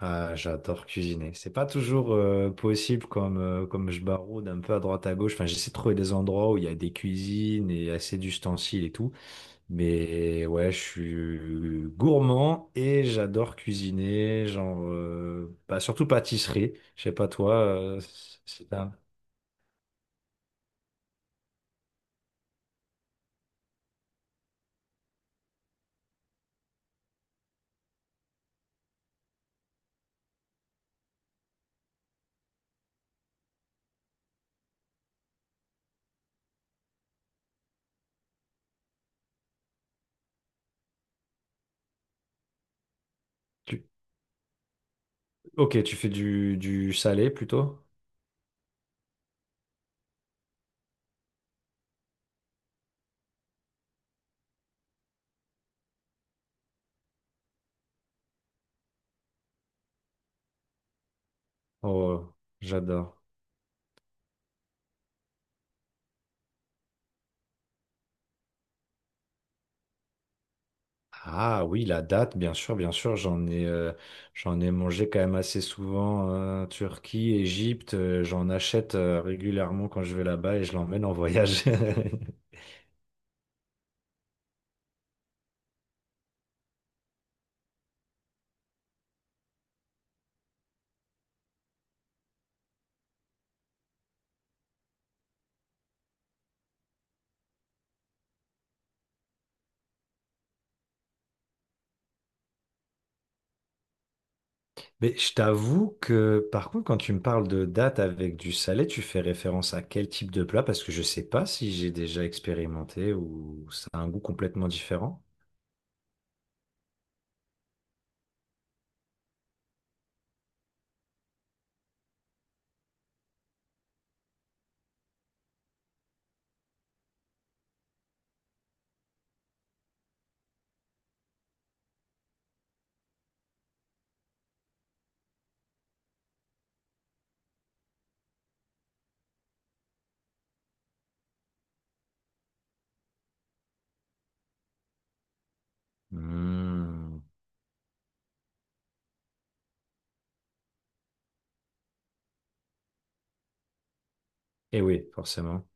Ah, j'adore cuisiner. C'est pas toujours possible comme, comme je baroude un peu à droite à gauche. Enfin, j'essaie de trouver des endroits où il y a des cuisines et assez d'ustensiles et tout. Mais ouais, je suis gourmand et j'adore cuisiner. Genre, bah, surtout pâtisserie. Je sais pas, toi. C'est un... tu- Ok, tu fais du salé plutôt? Oh, j'adore. Ah oui, la date, bien sûr, j'en ai mangé quand même assez souvent, Turquie, Égypte, j'en achète régulièrement quand je vais là-bas et je l'emmène en voyage. Mais je t'avoue que, par contre, quand tu me parles de date avec du salé, tu fais référence à quel type de plat? Parce que je sais pas si j'ai déjà expérimenté ou ça a un goût complètement différent. Et oui, forcément.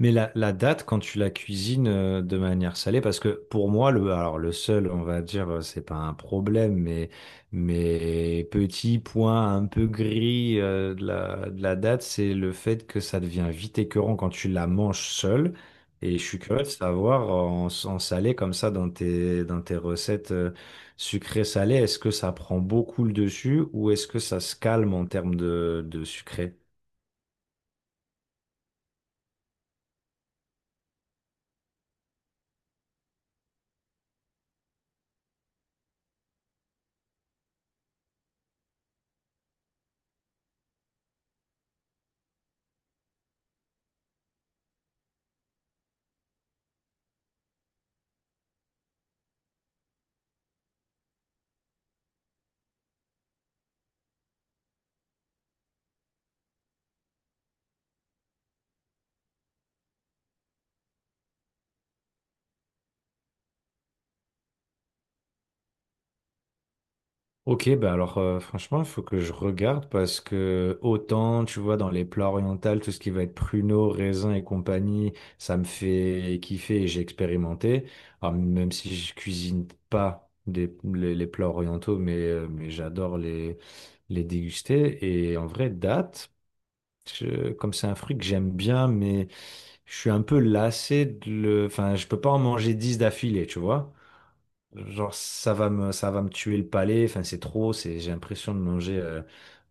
Mais la date, quand tu la cuisines de manière salée, parce que pour moi, le seul, on va dire, c'est pas un problème, mais petit point un peu gris de la date, c'est le fait que ça devient vite écœurant quand tu la manges seule. Et je suis curieux de savoir, en salé comme ça, dans tes recettes sucrées-salées, est-ce que ça prend beaucoup le dessus ou est-ce que ça se calme en termes de sucré? Ok, bah alors franchement, il faut que je regarde parce que autant, tu vois, dans les plats orientaux, tout ce qui va être pruneaux, raisins et compagnie, ça me fait kiffer et j'ai expérimenté. Alors, même si je cuisine pas les plats orientaux, mais j'adore les déguster. Et en vrai, date, comme c'est un fruit que j'aime bien, mais je suis un peu lassé. Enfin, je peux pas en manger 10 d'affilée, tu vois. Genre, ça va me tuer le palais. Enfin, c'est trop. J'ai l'impression de manger, euh,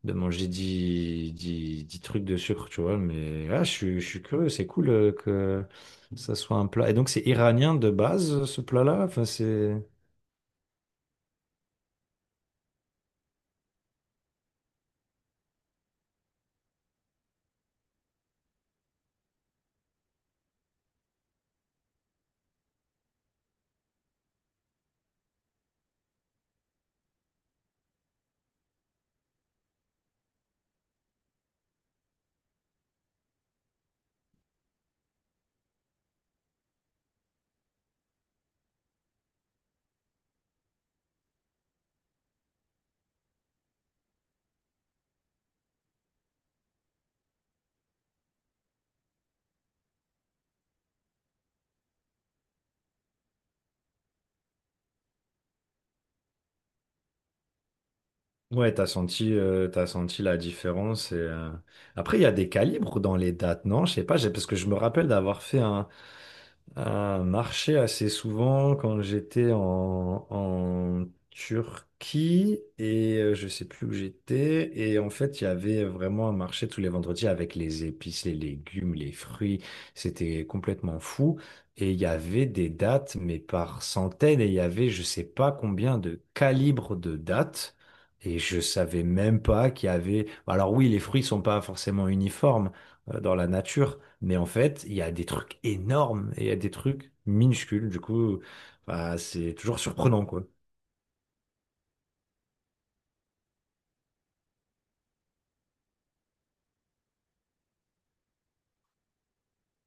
de manger 10 10 10 trucs de sucre, tu vois. Mais là, je suis curieux. C'est cool que ça soit un plat. Et donc, c'est iranien de base, ce plat-là. Enfin, c'est. Ouais, t'as senti la différence. Et, après, il y a des calibres dans les dates, non? Je sais pas, parce que je me rappelle d'avoir fait un marché assez souvent quand j'étais en Turquie et je sais plus où j'étais. Et en fait, il y avait vraiment un marché tous les vendredis avec les épices, les légumes, les fruits. C'était complètement fou. Et il y avait des dates, mais par centaines, et il y avait je sais pas combien de calibres de dates. Et je savais même pas qu'il y avait. Bah, alors oui, les fruits sont pas forcément uniformes dans la nature, mais en fait, il y a des trucs énormes et il y a des trucs minuscules. Du coup, bah, c'est toujours surprenant, quoi.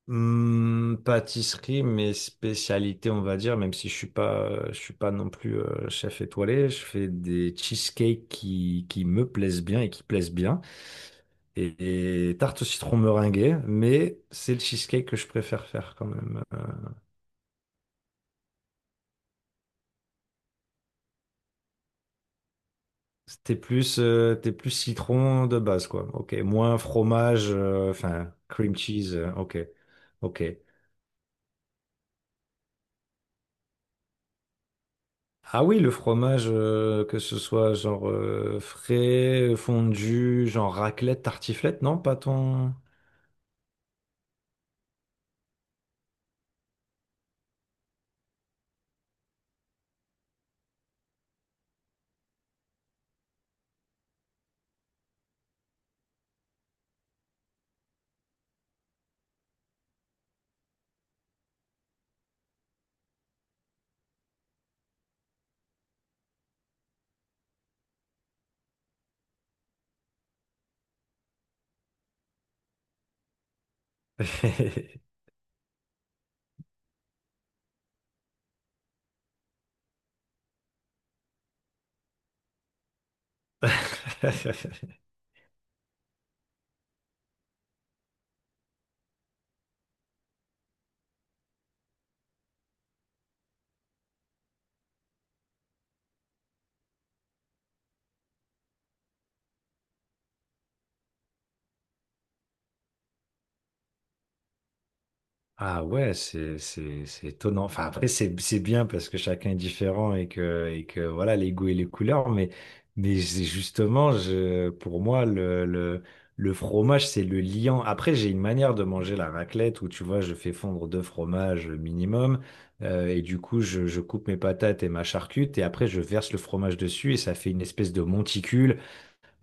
Pâtisserie, mes spécialités, on va dire, même si je suis pas non plus chef étoilé, je fais des cheesecakes qui me plaisent bien et qui plaisent bien, et tarte au citron meringuée, mais c'est le cheesecake que je préfère faire quand même. T'es plus citron de base, quoi. Ok. Moins fromage, enfin, cream cheese. Ok. Ok. Ah oui, le fromage, que ce soit genre frais, fondu, genre raclette, tartiflette, non, pas ton. Ah ouais, c'est étonnant. Enfin après c'est bien parce que chacun est différent et que voilà les goûts et les couleurs. Mais c'est justement je pour moi le fromage c'est le liant. Après j'ai une manière de manger la raclette où tu vois je fais fondre deux fromages minimum et du coup je coupe mes patates et ma charcute et après je verse le fromage dessus et ça fait une espèce de monticule.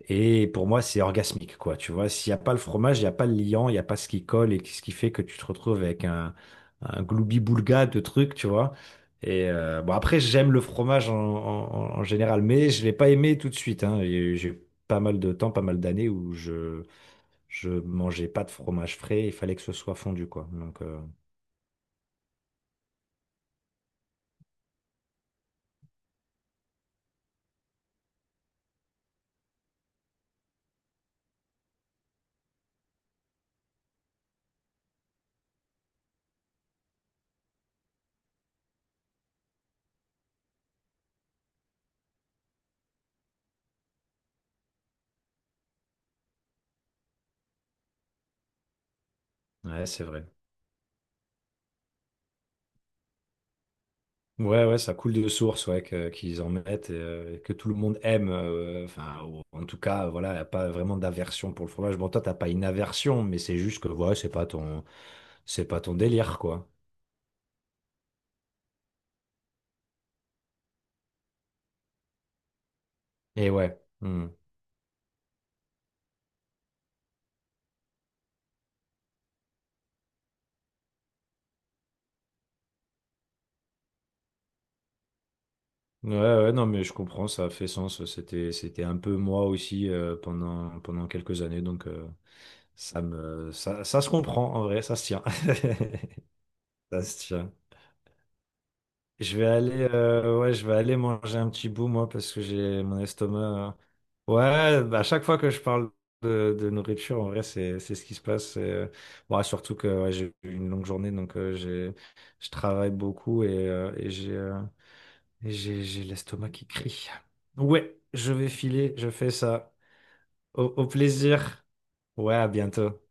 Et pour moi, c'est orgasmique, quoi. Tu vois, s'il n'y a pas le fromage, il n'y a pas le liant, il n'y a pas ce qui colle et ce qui fait que tu te retrouves avec un gloubi-boulga de trucs, tu vois. Et bon, après, j'aime le fromage en général, mais je ne l'ai pas aimé tout de suite. Hein. Et j'ai eu pas mal de temps, pas mal d'années où je mangeais pas de fromage frais, il fallait que ce soit fondu, quoi. Donc, ouais, c'est vrai. Ouais, ouais, ça coule de source, ouais, qu'ils en mettent, et, que tout le monde aime. Enfin, en tout cas, voilà, y a pas vraiment d'aversion pour le fromage. Bon, toi, t'as pas une aversion, mais c'est juste que, ouais, c'est pas ton délire, quoi. Et ouais. Hmm. Ouais, ouais, non, mais je comprends, ça fait sens. C'était un peu moi aussi pendant quelques années, donc ça se comprend en vrai, ça se tient. Ça se tient. Je vais aller manger un petit bout, moi, parce que j'ai mon estomac. Ouais, bah, à chaque fois que je parle de nourriture, en vrai, c'est ce qui se passe. Bon, surtout que ouais, j'ai eu une longue journée, donc je travaille beaucoup et j'ai l'estomac qui crie. Ouais, je vais filer, je fais ça. Au plaisir. Ouais, à bientôt.